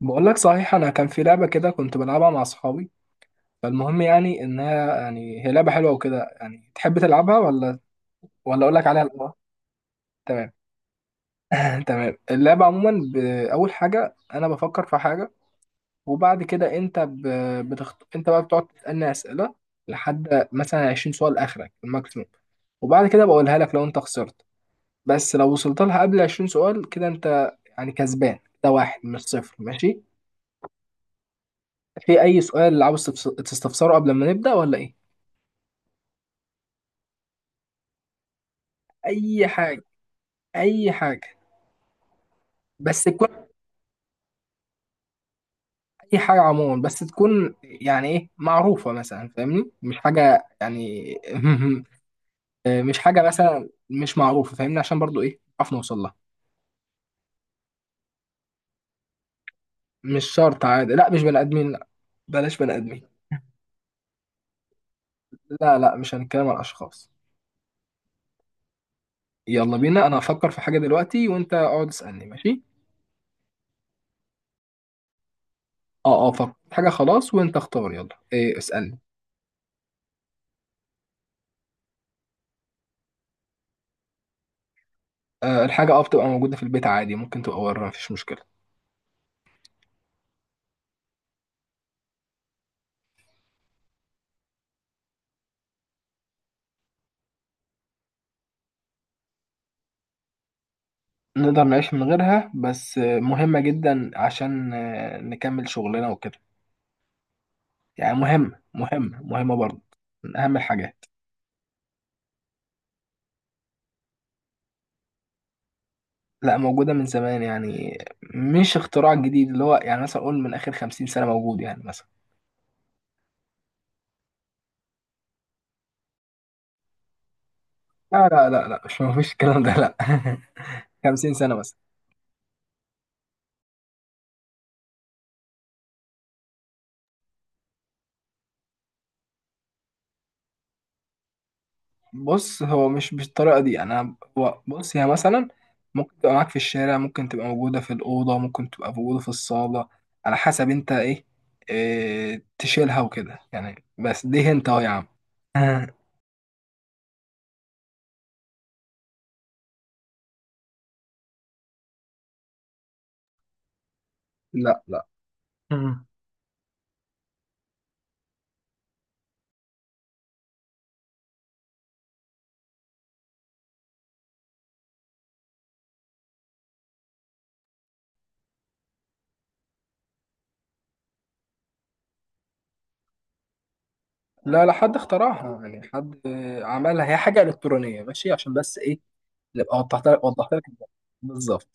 بقول لك، صحيح، انا كان في لعبه كده كنت بلعبها مع اصحابي. فالمهم، يعني انها يعني هي لعبه حلوه وكده، يعني تحب تلعبها ولا اقول لك عليها الاول؟ تمام. تمام. اللعبه عموما اول حاجه انا بفكر في حاجه، وبعد كده انت بقى بتقعد تسالني اسئله لحد مثلا 20 سؤال اخرك الماكسيموم، وبعد كده بقولها لك لو انت خسرت. بس لو وصلت لها قبل 20 سؤال كده، انت يعني كسبان. ده واحد مش صفر، ماشي؟ في اي سؤال عاوز تستفسره قبل ما نبدأ ولا ايه؟ اي حاجة، اي حاجة. بس تكون اي حاجة عموما، بس تكون يعني ايه، معروفة مثلا، فاهمني، مش حاجة يعني. مش حاجة مثلا مش معروفة، فاهمني، عشان برضو ايه، نعرف نوصل لها. مش شرط، عادي، لا مش بني ادمين. لا، بلاش بني ادمين. لا لا، مش هنتكلم عن اشخاص. يلا بينا، انا هفكر في حاجة دلوقتي وانت اقعد اسألني، ماشي؟ اه اه، فكر حاجة خلاص. وانت اختار، يلا إيه، اسألني. آه، الحاجة بتبقى موجودة في البيت عادي، ممكن تبقى بره، مفيش مشكلة. نقدر نعيش من غيرها، بس مهمة جدا عشان نكمل شغلنا وكده. يعني مهمة مهمة مهمة برضه، من أهم الحاجات. لا، موجودة من زمان، يعني مش اختراع جديد، اللي هو يعني مثلا أقول من آخر 50 سنة موجود، يعني مثلا. لا لا لا لا، مش مفيش الكلام ده، لا. 50 سنة. بص، هو مش بالطريقة دي، يعني أنا هو بص، هي مثلا ممكن تبقى معاك في الشارع، ممكن تبقى موجودة في الأوضة، ممكن تبقى موجودة في الصالة، على حسب أنت إيه, تشيلها وكده يعني. بس دي أنت أهو يا عم. آه. لا لا. امم لا لا، حد اخترعها، يعني حد عملها. هي حاجة إلكترونية، ماشي؟ عشان بس إيه، نبقى وضحت لك الموضوع. بالظبط.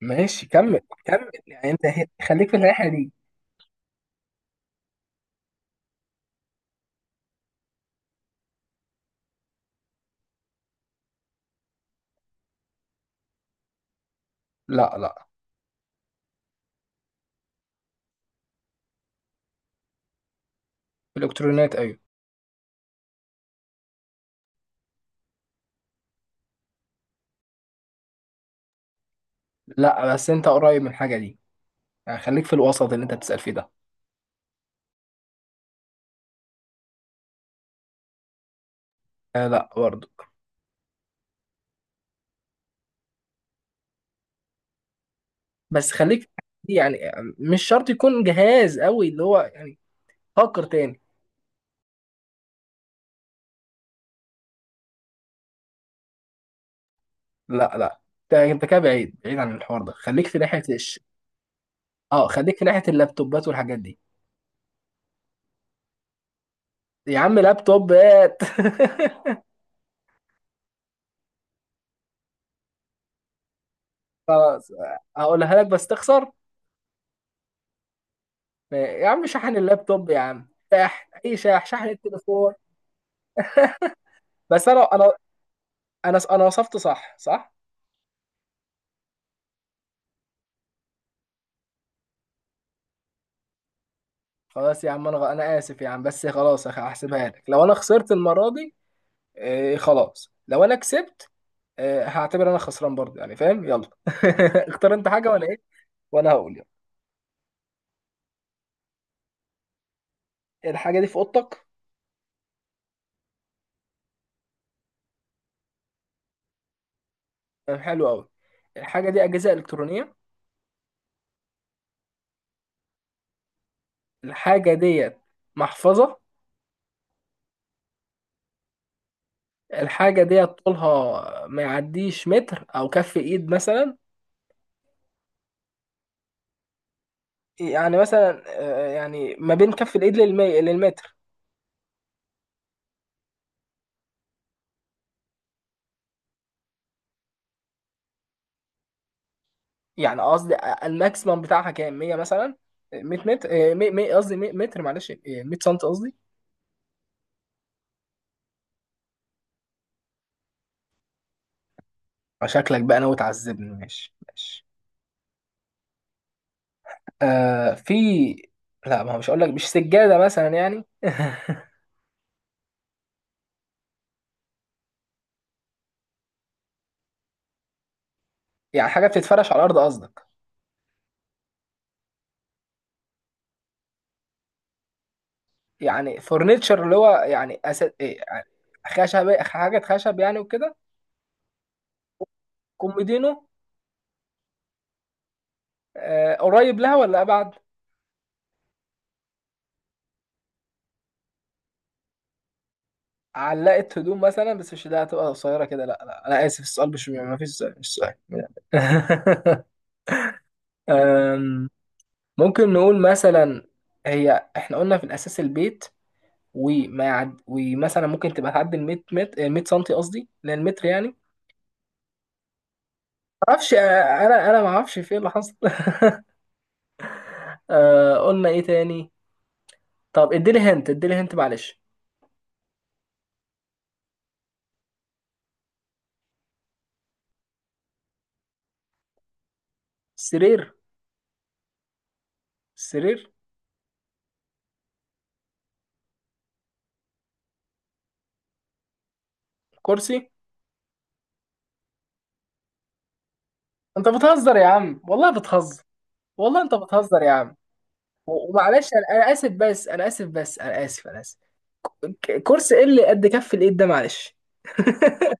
ماشي، كمل كمل، يعني أنت خليك في الناحية دي. لا لا. الإلكترونيات أيوه. لا، بس أنت قريب من الحاجة دي، خليك في الوسط اللي انت بتسأل فيه ده. آه لا برضه. بس خليك، يعني مش شرط يكون جهاز قوي اللي هو يعني. فكر تاني. لا لا، انت كده بعيد بعيد عن الحوار ده، خليك في ناحية اه، خليك في ناحية اللابتوبات والحاجات دي. يا عم لابتوبات. خلاص. هقولها لك بس تخسر. يا عم شحن اللابتوب، يا عم شحن، اي شحن، شحن التليفون. بس انا وصفت صح صح. خلاص يا عم، انا اسف يا عم، بس خلاص هحسبها لك لو انا خسرت المرة دي. آه خلاص، لو انا كسبت، هعتبر انا خسران برضه، يعني فاهم؟ يلا. اختار انت حاجه وانا ايه، وانا هقول يلا. الحاجه دي في اوضتك؟ آه، حلو قوي. الحاجه دي اجهزه الكترونيه؟ الحاجه ديت محفظه؟ الحاجه ديت طولها ما يعديش متر او كف ايد مثلا؟ يعني مثلا يعني ما بين كف الايد للمتر. يعني قصدي، الماكسيمم بتاعها كام، 100 مثلا؟ 100 متر، قصدي 100 متر، معلش، 100 سم قصدي. شكلك بقى ناوي تعذبني، ماشي ماشي. آه في. لا، ما هو مش هقول لك، مش سجادة مثلا يعني. يعني حاجة بتتفرش على الأرض قصدك؟ يعني فورنيتشر، اللي هو يعني إيه يعني، حاجة خشب يعني وكده. كوميدينو؟ آه، قريب لها ولا أبعد؟ علقة هدوم مثلا؟ بس مش ده، هتبقى قصيرة كده. لا لا أنا آسف، السؤال مش، ما فيش سؤال، مش سؤال. آم، ممكن نقول مثلا، هي احنا قلنا في الأساس البيت، ومثلا ممكن تبقى تعدي ال 100 متر، 100 سنتي قصدي للمتر، يعني ما اعرفش، انا ما اعرفش في ايه اللي حصل. قلنا ايه تاني؟ طب اديلي هنت، اديلي هنت معلش. سرير. سرير. كرسي. انت بتهزر يا عم، والله بتهزر. والله انت بتهزر يا عم. ومعلش، انا اسف، بس انا اسف، بس انا اسف، انا اسف. كرسي ايه اللي قد كف الايد ده؟ معلش.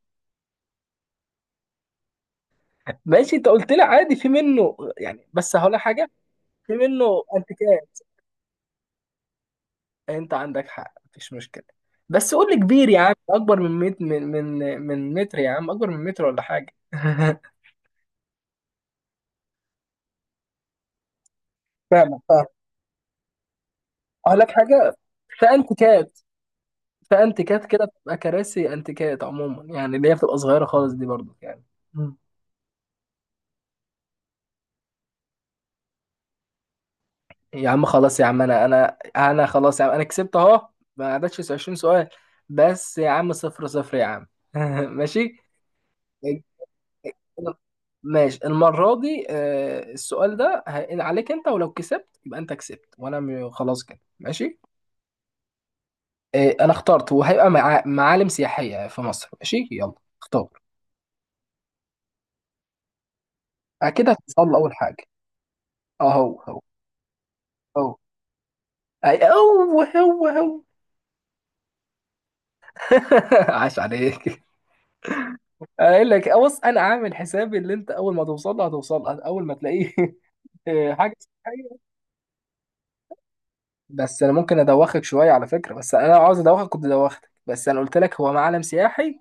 ماشي، انت قلت لي عادي في منه يعني، بس هقول لك حاجه، في منه انتيكات، انت عندك حق، مفيش مشكله. بس قول لي كبير يا عم، اكبر من من متر يا عم، اكبر من متر ولا حاجه. فاهمك، فاهم. اقول لك حاجه، في انتيكات، في انتيكات كده بتبقى كراسي انتيكات عموما، يعني اللي هي بتبقى صغيره خالص دي برضو يعني. مم. يا عم خلاص، يا عم انا خلاص يا عم، انا كسبت اهو، ما عدتش 20 سؤال، بس يا عم صفر صفر يا عم. ماشي. ماشي المرة دي، السؤال ده هينقل عليك انت، ولو كسبت يبقى انت كسبت وانا خلاص كده، ماشي. انا اخترت، وهيبقى معالم سياحية في مصر، ماشي؟ يلا اختار. اكيد هتسأل اول حاجة. اهو اهو اهو. اي اهو اهو اهو. عاش عليك. اقول لك، بص انا عامل حسابي، اللي انت اول ما توصل له، هتوصل له اول ما تلاقيه. حاجة سياحية. بس انا ممكن ادوخك شوية على فكرة، بس انا لو عاوز ادوخك كنت دوختك، بس انا قلت لك هو معلم سياحي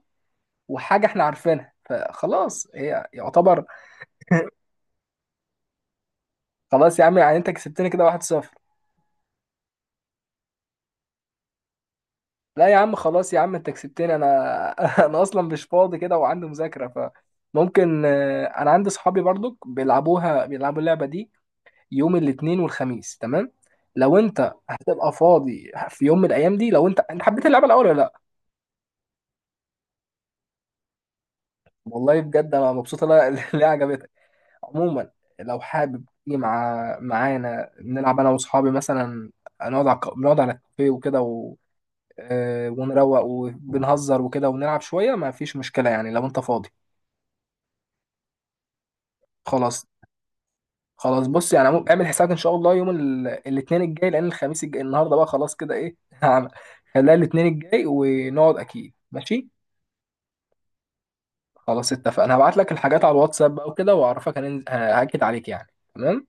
وحاجه احنا عارفينها فخلاص، هي يعتبر. خلاص يا عم، يعني انت كسبتني كده، 1-0. لا يا عم خلاص يا عم، انت كسبتني انا. انا اصلا مش فاضي كده، وعندي مذاكره، فممكن، انا عندي صحابي برضك بيلعبوها، بيلعبوا اللعبه دي يوم الاثنين والخميس، تمام؟ لو انت هتبقى فاضي في يوم من الايام دي، لو انت حبيت اللعبه الاول ولا لا. والله بجد انا مبسوط إن انا، اللي عجبتك. عموما، لو حابب تيجي معانا نلعب انا واصحابي مثلا، نقعد على الكافيه وكده ونروق وبنهزر وكده ونلعب شويه، ما فيش مشكله، يعني لو انت فاضي. خلاص. خلاص بص، يعني اعمل حسابك ان شاء الله يوم الاثنين الجاي، لان الخميس الجاي النهارده بقى خلاص كده ايه. هعمل، خليها الاثنين الجاي ونقعد اكيد، ماشي؟ خلاص اتفقنا. هبعت لك الحاجات على الواتساب بقى وكده، واعرفك هننزل، هاكد عليك يعني. تمام.